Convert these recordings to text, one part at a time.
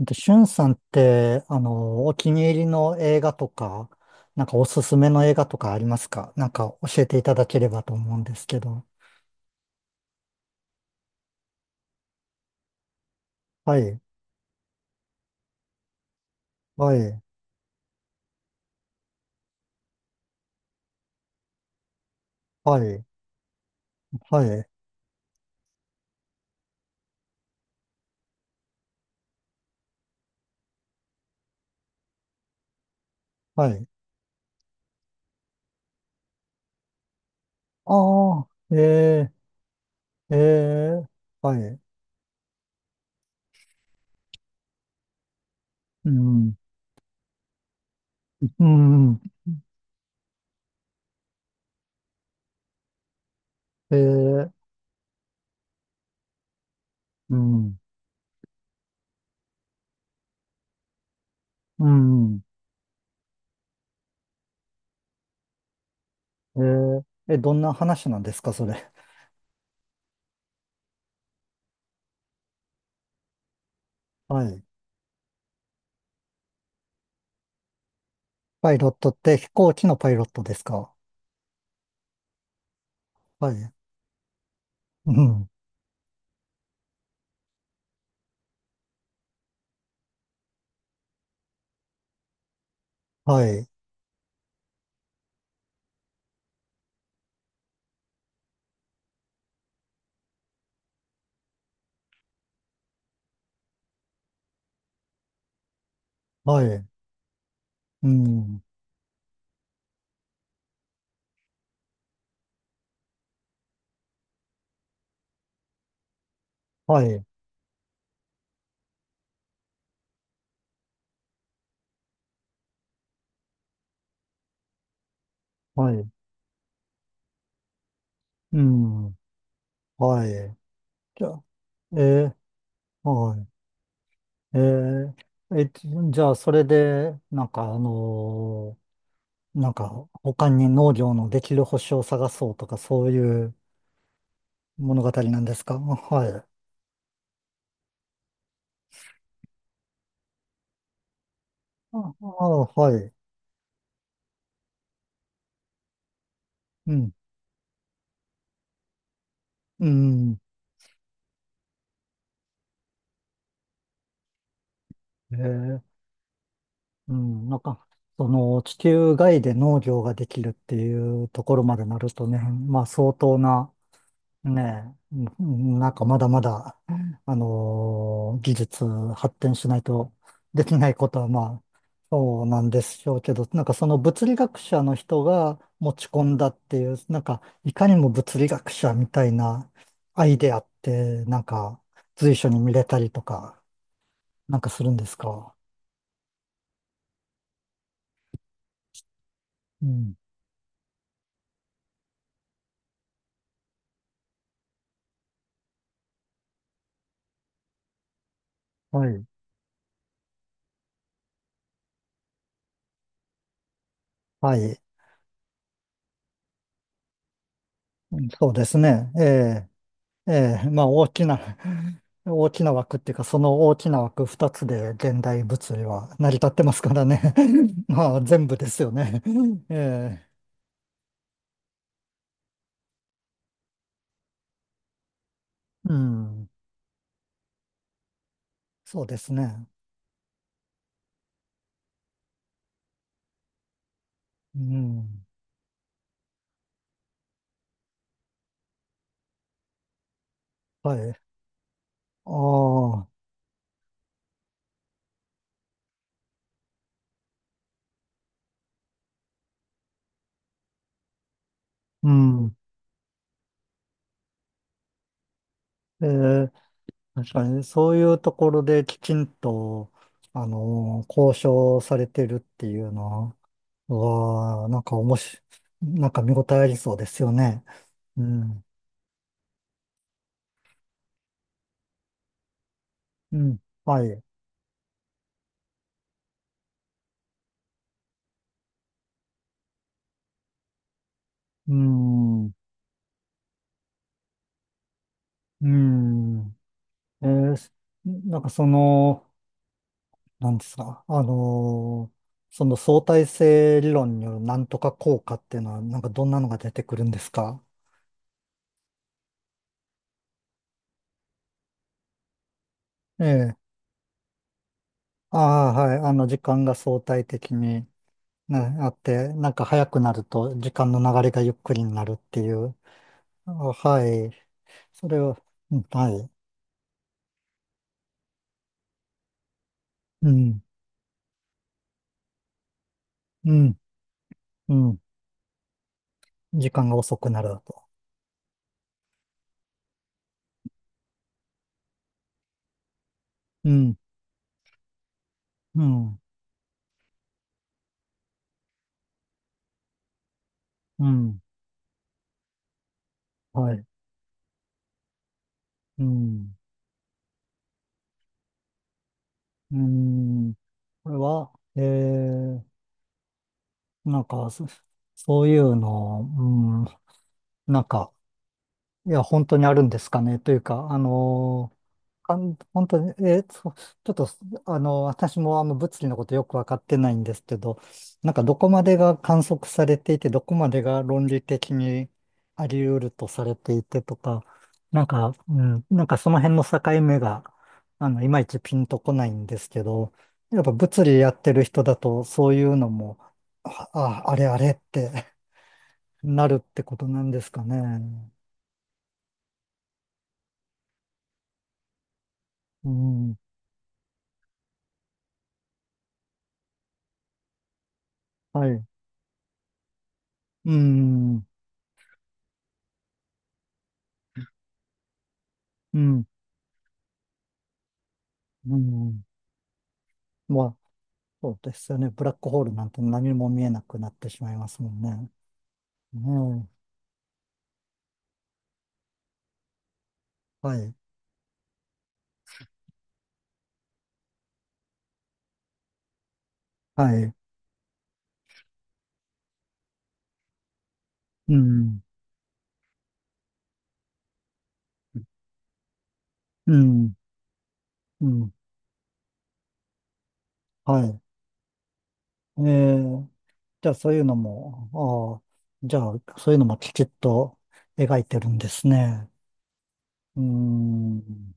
で、しゅんさんって、お気に入りの映画とか、なんかおすすめの映画とかありますか？なんか教えていただければと思うんですけど。はい、はい、はい、はい、はい。ああ、えー、えー、はい。うん、うん、えー、うん、うん、えー、どんな話なんですか、それ？はい。パイロットって飛行機のパイロットですか？はい。うん、はい、はい、うん、はい。はい。うん、はい。じゃあ、えはい。えー、え、じゃあ、それで、なんか、なんか、他に農業のできる星を探そうとか、そういう物語なんですかあ？ はい。あ、あ、はい。うん、うん、えー、うん、なんか、その、地球外で農業ができるっていうところまでなるとね、まあ、相当な、ねえ、うんなんかまだまだ、技術発展しないとできないことはまあ、そうなんでしょうけど、なんかその物理学者の人が持ち込んだっていう、なんかいかにも物理学者みたいなアイデアって、なんか随所に見れたりとか、なんかするんですか？うん。はい。はい。うんそうですね。ええええ、まあ大きな、大きな枠っていうか、その大きな枠二つで現代物理は成り立ってますからね。まあ全部ですよね。ええ、うん、そうですね。うん、はい。ああ、うん。ええ、確かにそういうところできちんと、交渉されてるっていうのは、なんかおもし、なんか見応えありそうですよね。うん、うん、はい。うんうん。えーすなんかその、なんですか、その相対性理論によるなんとか効果っていうのは、なんかどんなのが出てくるんですか？ええ。ああ、はい。時間が相対的に、ね、あって、なんか早くなると時間の流れがゆっくりになるっていう。あ、はい。それは、うんはい。うん、うん、うん。時間が遅くなるだと。うん、うん、うん。はい。うん。うーん。これは、なんか、そういうの、うん、なんか、いや、本当にあるんですかね。というか、本当に、ちょっと、私も物理のことよくわかってないんですけど、なんかどこまでが観測されていて、どこまでが論理的にあり得るとされていてとか、なんか、うん、なんかその辺の境目が、いまいちピンとこないんですけど、やっぱ物理やってる人だと、そういうのも、あ、ああれあれって なるってことなんですかね？うん、はい。うん、うん、うん。まあそうですよね。ブラックホールなんて何も見えなくなってしまいますもんね。ねえはい。はい。うん。うん。うん。はい。えー、じゃあそういうのも、ああ、じゃあそういうのもきちっと描いてるんですね。うーん。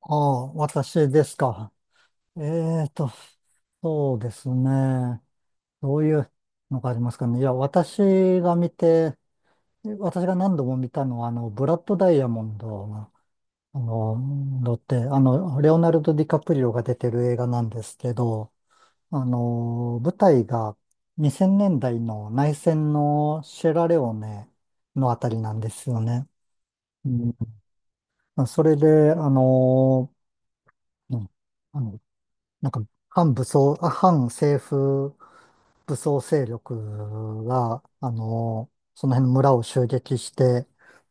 ああ、私ですか？えーと、そうですね。どういうのがありますかね。いや、が見て、私が何度も見たのは、ブラッドダイヤモンド。だって、レオナルド・ディカプリオが出てる映画なんですけど、舞台が2000年代の内戦のシェラレオネのあたりなんですよね。うん、まあそれで、うん、あの、なんか、反政府武装勢力が、その辺の村を襲撃して、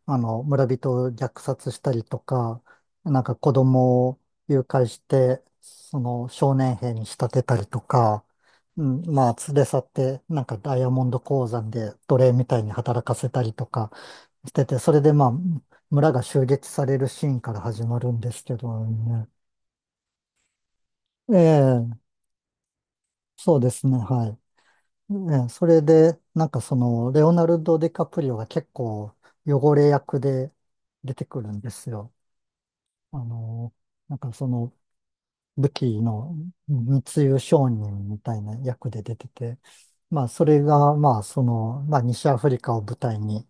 村人を虐殺したりとか、なんか子供を誘拐して、その少年兵に仕立てたりとか、うん、まあ、連れ去って、なんかダイヤモンド鉱山で奴隷みたいに働かせたりとかしてて、それでまあ、村が襲撃されるシーンから始まるんですけどね。ええ、そうですね、はい。ね、それで、なんかその、レオナルド・ディカプリオが結構汚れ役で出てくるんですよ。あの、なんかその、武器の密輸商人みたいな役で出てて、まあそれが、まあその、まあ西アフリカを舞台に、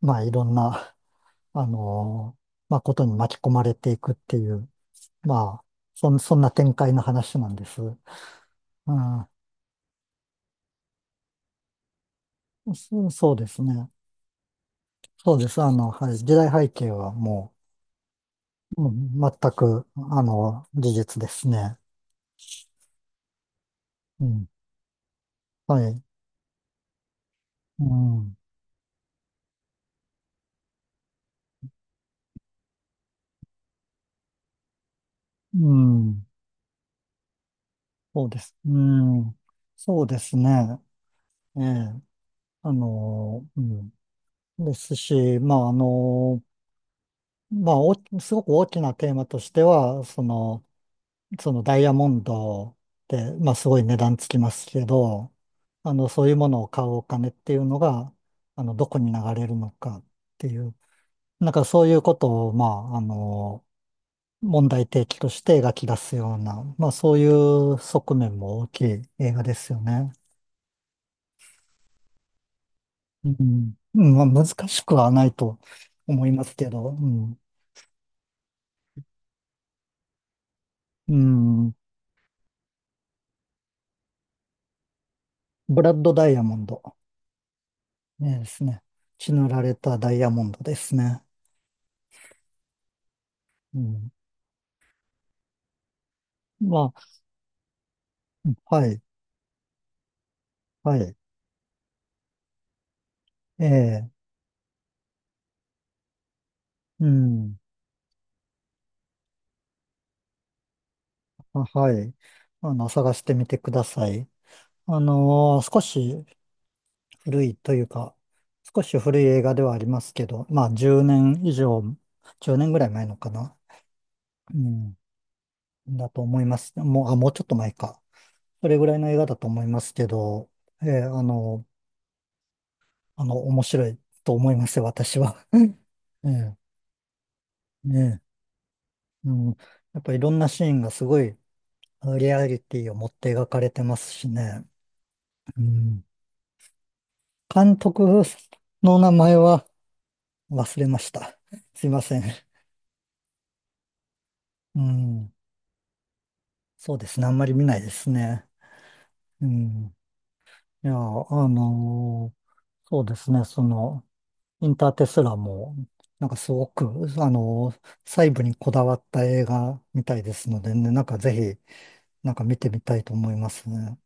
まあいろんな、あの、まあことに巻き込まれていくっていう、まあ、そんな展開の話なんです。うん、そうですね。そうです。はい。時代背景はもう、うん、全く、事実ですね。うん。はい。うん。うん。そうです。うん。そうですね。ええ。うん。ですし、まあ、まあ、すごく大きなテーマとしては、そのダイヤモンドって、まあ、すごい値段つきますけど、そういうものを買うお金っていうのが、どこに流れるのかっていう、なんかそういうことを、まあ、問題提起として描き出すような、まあそういう側面も大きい映画ですよね。うん。うんまあ難しくはないと思いますけど、うん。うん。ブラッドダイヤモンド。ねですね。血塗られたダイヤモンドですね。うん。まあ、はい、はい。ええ、うん。あはい。探してみてください。少し古いというか、少し古い映画ではありますけど、まあ10年以上、10年ぐらい前のかな。うん。だと思います。もう、あ、もうちょっと前か。それぐらいの映画だと思いますけど、ええ面白いと思いますよ、私は。ええ、ねえ、うん。やっぱいろんなシーンがすごいリアリティを持って描かれてますしね。うん。監督の名前は忘れました。すいません。うん。そうですね。あんまり見ないですね。うん。いや、のーそうですね。その、インターテスラも、なんかすごく、あのー細部にこだわった映画みたいですのでね、なんかぜひ、なんか見てみたいと思いますね。